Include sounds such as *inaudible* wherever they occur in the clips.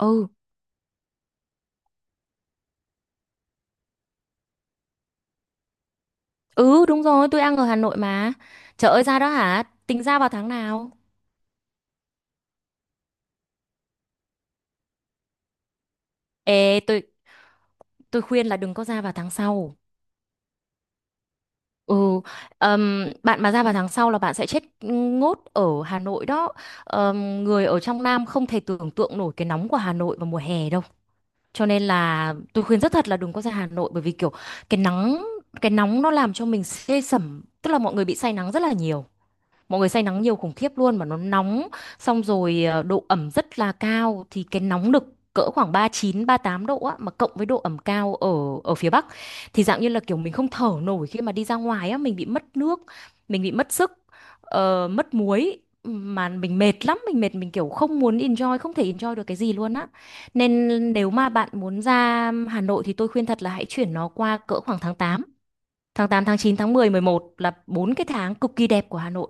Ừ, ừ đúng rồi, tôi đang ở Hà Nội mà. Trời ơi ra đó hả? Tính ra vào tháng nào? Ê, tôi khuyên là đừng có ra vào tháng sau. Ừ, bạn mà ra vào tháng sau là bạn sẽ chết ngốt ở Hà Nội đó. Người ở trong Nam không thể tưởng tượng nổi cái nóng của Hà Nội vào mùa hè đâu. Cho nên là tôi khuyên rất thật là đừng có ra Hà Nội bởi vì kiểu cái nắng cái nóng nó làm cho mình xê sẩm, tức là mọi người bị say nắng rất là nhiều. Mọi người say nắng nhiều khủng khiếp luôn mà nó nóng xong rồi độ ẩm rất là cao thì cái nóng nực cỡ khoảng 39 tám độ á mà cộng với độ ẩm cao ở ở phía Bắc thì dạng như là kiểu mình không thở nổi khi mà đi ra ngoài á, mình bị mất nước, mình bị mất sức, mất muối mà mình mệt lắm, mình mệt mình kiểu không muốn enjoy, không thể enjoy được cái gì luôn á. Nên nếu mà bạn muốn ra Hà Nội thì tôi khuyên thật là hãy chuyển nó qua cỡ khoảng tháng tám tháng 9 tháng 10 tháng 11 là bốn cái tháng cực kỳ đẹp của Hà Nội.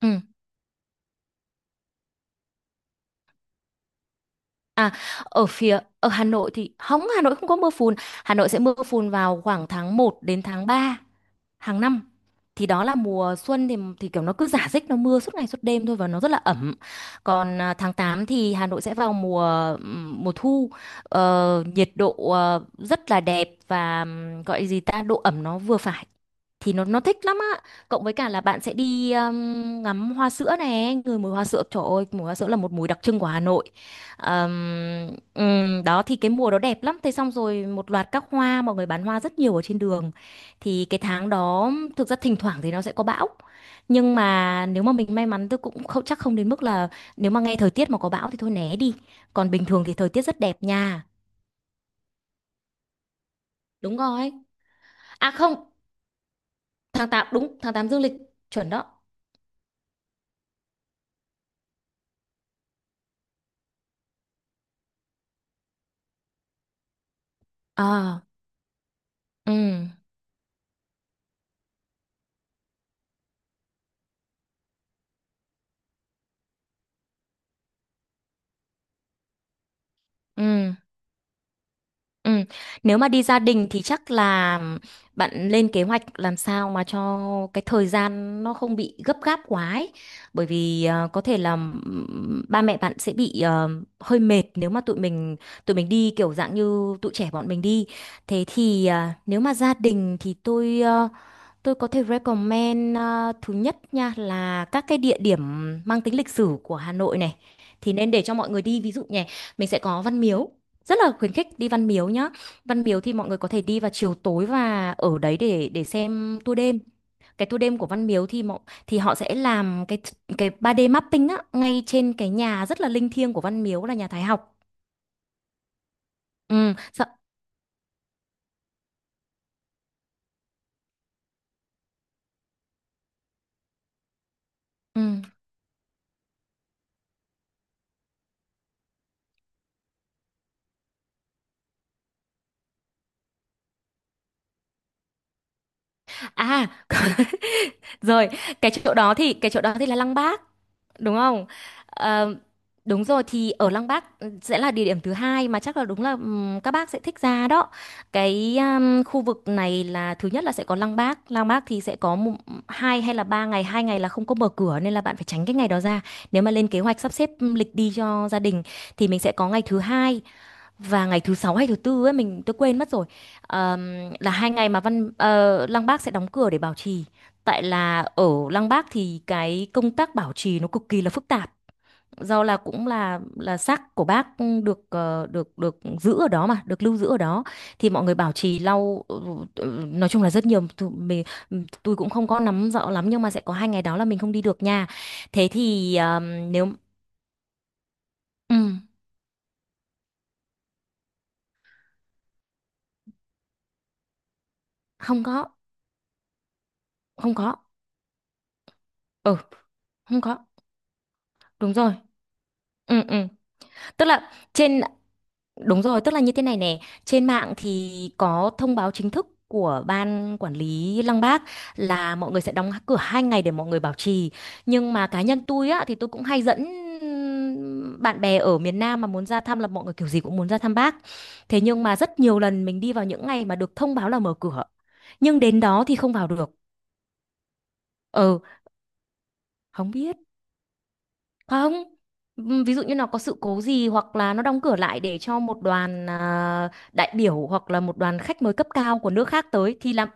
Ừ. À, ở Hà Nội thì không, Hà Nội không có mưa phùn. Hà Nội sẽ mưa phùn vào khoảng tháng 1 đến tháng 3 hàng năm. Thì đó là mùa xuân thì kiểu nó cứ rả rích nó mưa suốt ngày suốt đêm thôi và nó rất là ẩm. Còn tháng 8 thì Hà Nội sẽ vào mùa mùa thu. Nhiệt độ rất là đẹp và gọi gì ta, độ ẩm nó vừa phải thì nó thích lắm á, cộng với cả là bạn sẽ đi ngắm hoa sữa này, người mùi hoa sữa, trời ơi mùi hoa sữa là một mùi đặc trưng của Hà Nội. Ờm, Đó thì cái mùa đó đẹp lắm, thế xong rồi một loạt các hoa mọi người bán hoa rất nhiều ở trên đường thì cái tháng đó thực ra thỉnh thoảng thì nó sẽ có bão, nhưng mà nếu mà mình may mắn, tôi cũng không chắc, không đến mức là nếu mà nghe thời tiết mà có bão thì thôi né đi, còn bình thường thì thời tiết rất đẹp nha. Đúng rồi. À không, tháng 8 đúng, tháng 8 dương lịch, chuẩn đó. Ờ. Ừ. Ừ, ừ. Nếu mà đi gia đình thì chắc là bạn lên kế hoạch làm sao mà cho cái thời gian nó không bị gấp gáp quá ấy. Bởi vì có thể là ba mẹ bạn sẽ bị hơi mệt nếu mà tụi mình đi kiểu dạng như tụi trẻ bọn mình đi. Thế thì nếu mà gia đình thì tôi có thể recommend, thứ nhất nha là các cái địa điểm mang tính lịch sử của Hà Nội này thì nên để cho mọi người đi, ví dụ nhỉ, mình sẽ có Văn Miếu, rất là khuyến khích đi Văn Miếu nhá. Văn Miếu thì mọi người có thể đi vào chiều tối và ở đấy để xem tour đêm, cái tour đêm của Văn Miếu thì mọi, thì họ sẽ làm cái 3D mapping á ngay trên cái nhà rất là linh thiêng của Văn Miếu là nhà Thái học. Ừ, sợ, ừ. À. *laughs* Rồi, cái chỗ đó thì cái chỗ đó thì là Lăng Bác, đúng không? Ờ, đúng rồi, thì ở Lăng Bác sẽ là địa điểm thứ hai mà chắc là đúng là các bác sẽ thích ra đó. Cái khu vực này là thứ nhất là sẽ có Lăng Bác. Lăng Bác thì sẽ có một, hai hay là ba ngày, hai ngày là không có mở cửa nên là bạn phải tránh cái ngày đó ra. Nếu mà lên kế hoạch sắp xếp lịch đi cho gia đình thì mình sẽ có ngày thứ hai và ngày thứ sáu hay thứ tư ấy, mình tôi quên mất rồi. Ờm, là hai ngày mà Lăng Bác sẽ đóng cửa để bảo trì, tại là ở Lăng Bác thì cái công tác bảo trì nó cực kỳ là phức tạp, do là cũng là xác của bác được ờ, được được giữ ở đó, mà được lưu giữ ở đó thì mọi người bảo trì lau nói chung là rất nhiều, tôi cũng không có nắm rõ lắm, nhưng mà sẽ có hai ngày đó là mình không đi được nha. Thế thì nếu. Ừ, không có. Không có. Ừ, không có. Đúng rồi. Ừ, ừ. Tức là trên Đúng rồi, tức là như thế này nè, trên mạng thì có thông báo chính thức của ban quản lý Lăng Bác là mọi người sẽ đóng cửa hai ngày để mọi người bảo trì. Nhưng mà cá nhân tôi á thì tôi cũng hay dẫn bạn bè ở miền Nam mà muốn ra thăm là mọi người kiểu gì cũng muốn ra thăm bác. Thế nhưng mà rất nhiều lần mình đi vào những ngày mà được thông báo là mở cửa. Nhưng đến đó thì không vào được. Ừ, không biết. Không, ví dụ như nó có sự cố gì hoặc là nó đóng cửa lại để cho một đoàn, đại biểu hoặc là một đoàn khách mời cấp cao của nước khác tới thì là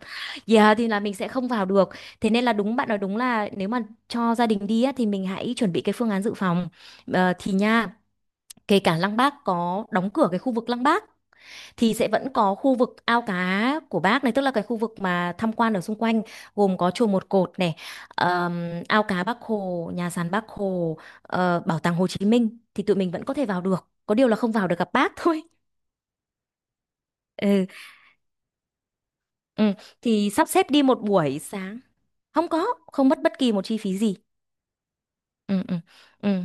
yeah, thì là mình sẽ không vào được. Thế nên là đúng, bạn nói đúng, là nếu mà cho gia đình đi á, thì mình hãy chuẩn bị cái phương án dự phòng. Ờ, thì nha, kể cả Lăng Bác có đóng cửa cái khu vực Lăng Bác thì sẽ vẫn có khu vực ao cá của bác này, tức là cái khu vực mà tham quan ở xung quanh gồm có chùa Một Cột này, ao cá Bác Hồ, nhà sàn Bác Hồ, bảo tàng Hồ Chí Minh thì tụi mình vẫn có thể vào được, có điều là không vào được gặp bác *laughs* thôi. Ừ, ừ. Thì sắp xếp đi một buổi sáng, không có, không mất bất kỳ một chi phí gì. Ừ. Ừ. Ừ.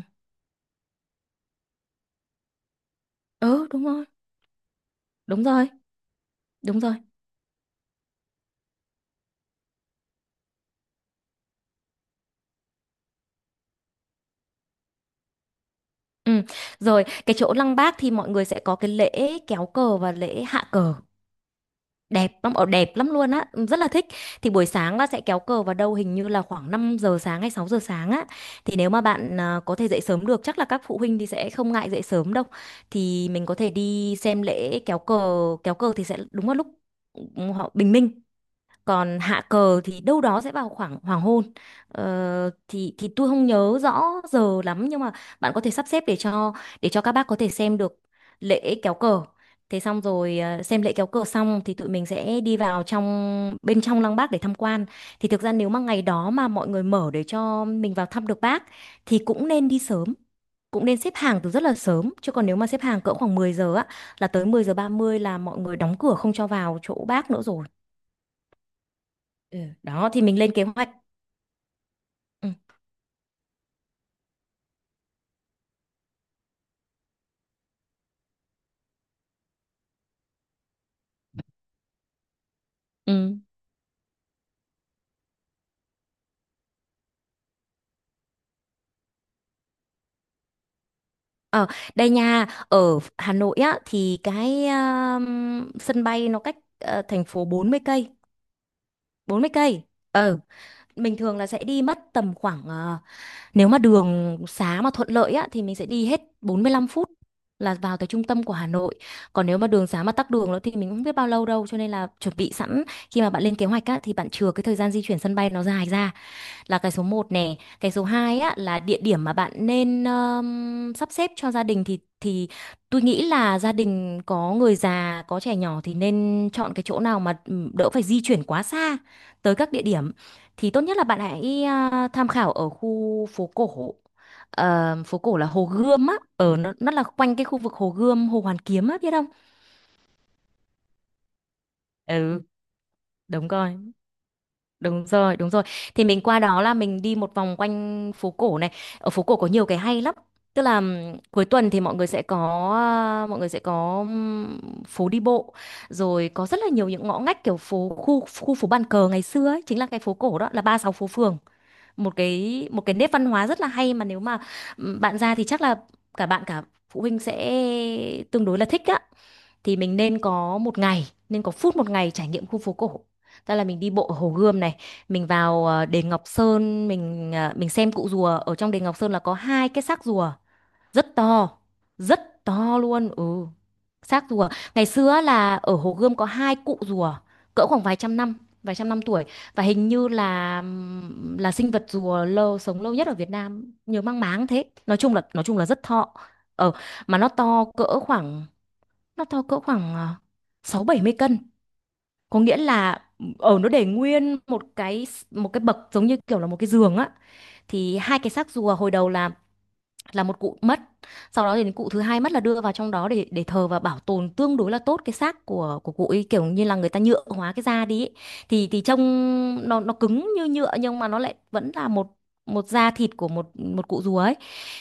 Ừ đúng rồi. Đúng rồi. Đúng rồi. Ừ. Rồi cái chỗ Lăng Bác thì mọi người sẽ có cái lễ kéo cờ và lễ hạ cờ, đẹp lắm, ở đẹp lắm luôn á, rất là thích. Thì buổi sáng là sẽ kéo cờ vào đâu hình như là khoảng 5 giờ sáng hay 6 giờ sáng á, thì nếu mà bạn có thể dậy sớm được, chắc là các phụ huynh thì sẽ không ngại dậy sớm đâu, thì mình có thể đi xem lễ kéo cờ. Kéo cờ thì sẽ đúng vào lúc ừ, họ bình minh, còn hạ cờ thì đâu đó sẽ vào khoảng hoàng hôn. Thì tôi không nhớ rõ giờ lắm, nhưng mà bạn có thể sắp xếp để cho các bác có thể xem được lễ kéo cờ. Thế xong rồi xem lễ kéo cờ xong thì tụi mình sẽ đi vào trong, bên trong lăng bác để tham quan. Thì thực ra nếu mà ngày đó mà mọi người mở để cho mình vào thăm được bác thì cũng nên đi sớm, cũng nên xếp hàng từ rất là sớm, chứ còn nếu mà xếp hàng cỡ khoảng 10 giờ á là tới 10 giờ 30 là mọi người đóng cửa không cho vào chỗ bác nữa rồi. Ừ, đó thì mình lên kế hoạch. Ừ. Ừ. Ờ, đây nha, ở Hà Nội á thì cái sân bay nó cách thành phố 40 cây, 40 cây. Ờ, mình thường là sẽ đi mất tầm khoảng nếu mà đường xá mà thuận lợi á thì mình sẽ đi hết 45 phút là vào tới trung tâm của Hà Nội. Còn nếu mà đường xá mà tắc đường nữa thì mình không biết bao lâu đâu, cho nên là chuẩn bị sẵn khi mà bạn lên kế hoạch á thì bạn chừa cái thời gian di chuyển sân bay nó dài ra. Là cái số một nè, cái số 2 á là địa điểm mà bạn nên sắp xếp cho gia đình thì tôi nghĩ là gia đình có người già, có trẻ nhỏ thì nên chọn cái chỗ nào mà đỡ phải di chuyển quá xa tới các địa điểm. Thì tốt nhất là bạn hãy tham khảo ở khu phố cổ. Phố cổ là Hồ Gươm á, ở nó là quanh cái khu vực Hồ Gươm, Hồ Hoàn Kiếm á, biết không? Ừ, đúng rồi. Đúng rồi, đúng rồi. Thì mình qua đó là mình đi một vòng quanh phố cổ này. Ở phố cổ có nhiều cái hay lắm. Tức là cuối tuần thì mọi người sẽ có à, mọi người sẽ có ừm, phố đi bộ, rồi có rất là nhiều những ngõ ngách kiểu phố khu khu phố bàn cờ ngày xưa ấy, chính là cái phố cổ đó là 36 phố phường, một cái nét văn hóa rất là hay mà nếu mà bạn ra thì chắc là cả bạn cả phụ huynh sẽ tương đối là thích á. Thì mình nên có phút một ngày trải nghiệm khu phố cổ, tức là mình đi bộ ở Hồ Gươm này, mình vào đền Ngọc Sơn, mình xem cụ rùa ở trong đền Ngọc Sơn là có hai cái xác rùa rất to, rất to luôn. Ừ, xác rùa ngày xưa á là ở Hồ Gươm có hai cụ rùa, cỡ khoảng vài trăm năm tuổi. Và hình như là sinh vật rùa sống lâu nhất ở Việt Nam, nhớ mang máng thế. Nói chung là rất thọ. Ờ mà nó to cỡ khoảng sáu bảy mươi cân. Có nghĩa là nó để nguyên một cái, một cái bậc giống như kiểu là một cái giường á. Thì hai cái xác rùa hồi đầu là một cụ mất, sau đó thì cụ thứ hai mất là đưa vào trong đó để thờ và bảo tồn tương đối là tốt cái xác của cụ ấy, kiểu như là người ta nhựa hóa cái da đi ấy. Thì trông nó cứng như nhựa nhưng mà nó lại vẫn là một một da thịt của một một cụ rùa ấy.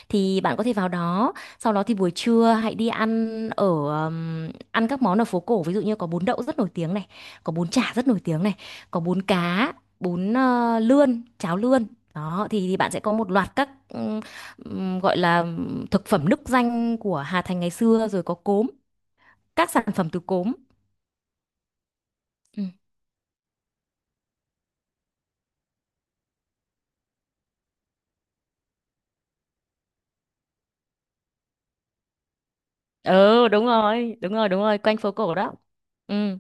Thì bạn có thể vào đó. Sau đó thì buổi trưa hãy đi ăn ở ăn các món ở phố cổ, ví dụ như có bún đậu rất nổi tiếng này, có bún chả rất nổi tiếng này, có bún cá, bún lươn, cháo lươn. Đó thì, bạn sẽ có một loạt các gọi là thực phẩm nức danh của Hà Thành ngày xưa, rồi có cốm, các sản phẩm từ cốm. Ừ. Ừ, đúng rồi, đúng rồi, đúng rồi, quanh phố cổ đó. Ừ.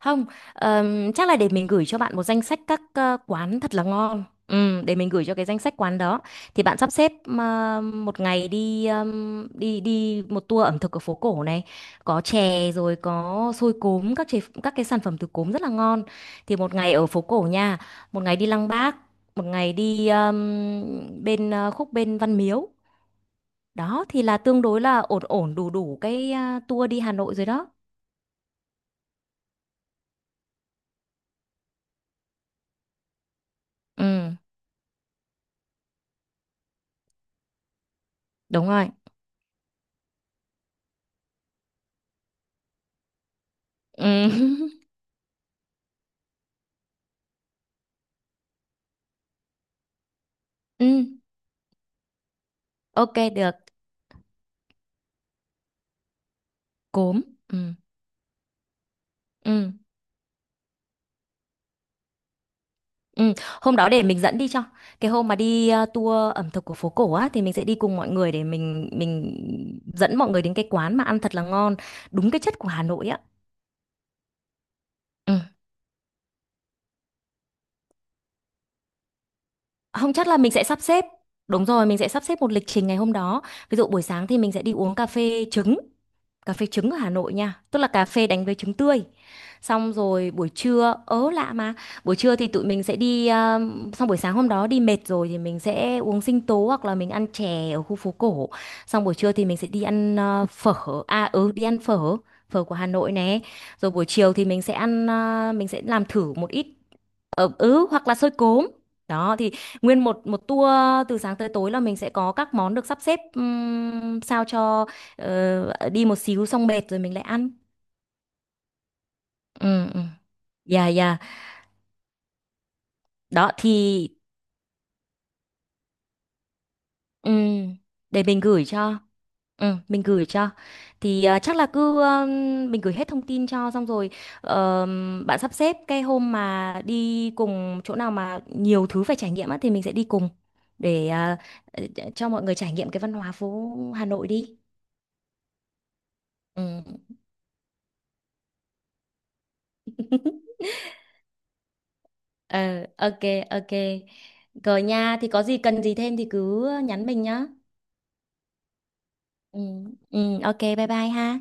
Không, chắc là để mình gửi cho bạn một danh sách các quán thật là ngon. Ừ, để mình gửi cho cái danh sách quán đó. Thì bạn sắp xếp một ngày đi đi đi một tour ẩm thực ở phố cổ này, có chè rồi có xôi cốm, các cái sản phẩm từ cốm rất là ngon. Thì một ngày ở phố cổ nha, một ngày đi Lăng Bác, một ngày đi bên khúc bên Văn Miếu. Đó thì là tương đối là ổn ổn đủ đủ cái tour đi Hà Nội rồi đó. Ừ, đúng rồi. Ừ. *laughs* Ừ. Ok, được, cốm. Ừ. Ừ. Ừ. Hôm đó để mình dẫn đi cho. Cái hôm mà đi tour ẩm thực của phố cổ á thì mình sẽ đi cùng mọi người để mình dẫn mọi người đến cái quán mà ăn thật là ngon, đúng cái chất của Hà Nội á. Ừ. Không, chắc là mình sẽ sắp xếp. Đúng rồi, mình sẽ sắp xếp một lịch trình ngày hôm đó. Ví dụ buổi sáng thì mình sẽ đi uống cà phê trứng. Cà phê trứng ở Hà Nội nha, tức là cà phê đánh với trứng tươi. Xong rồi buổi trưa ớ lạ mà, buổi trưa thì tụi mình sẽ đi xong buổi sáng hôm đó đi mệt rồi thì mình sẽ uống sinh tố hoặc là mình ăn chè ở khu phố cổ. Xong buổi trưa thì mình sẽ đi ăn phở phở của Hà Nội nè. Rồi buổi chiều thì mình sẽ làm thử một ít, ừ, ừ, hoặc là xôi cốm. Đó thì nguyên một một tour từ sáng tới tối là mình sẽ có các món được sắp xếp sao cho đi một xíu xong mệt rồi mình lại ăn. Ừ, ừ. Dạ, dạ. Đó thì... Ừ, để mình gửi cho. Ừ, mình gửi cho. Thì chắc là cứ mình gửi hết thông tin cho xong rồi bạn sắp xếp cái hôm mà đi cùng chỗ nào mà nhiều thứ phải trải nghiệm á thì mình sẽ đi cùng, để cho mọi người trải nghiệm cái văn hóa phố Hà Nội đi. Ừ. *laughs* Ờ, ok, ok. Rồi nha, thì có gì cần gì thêm thì cứ nhắn mình nhá. Ừ, ừ, ok, bye bye ha.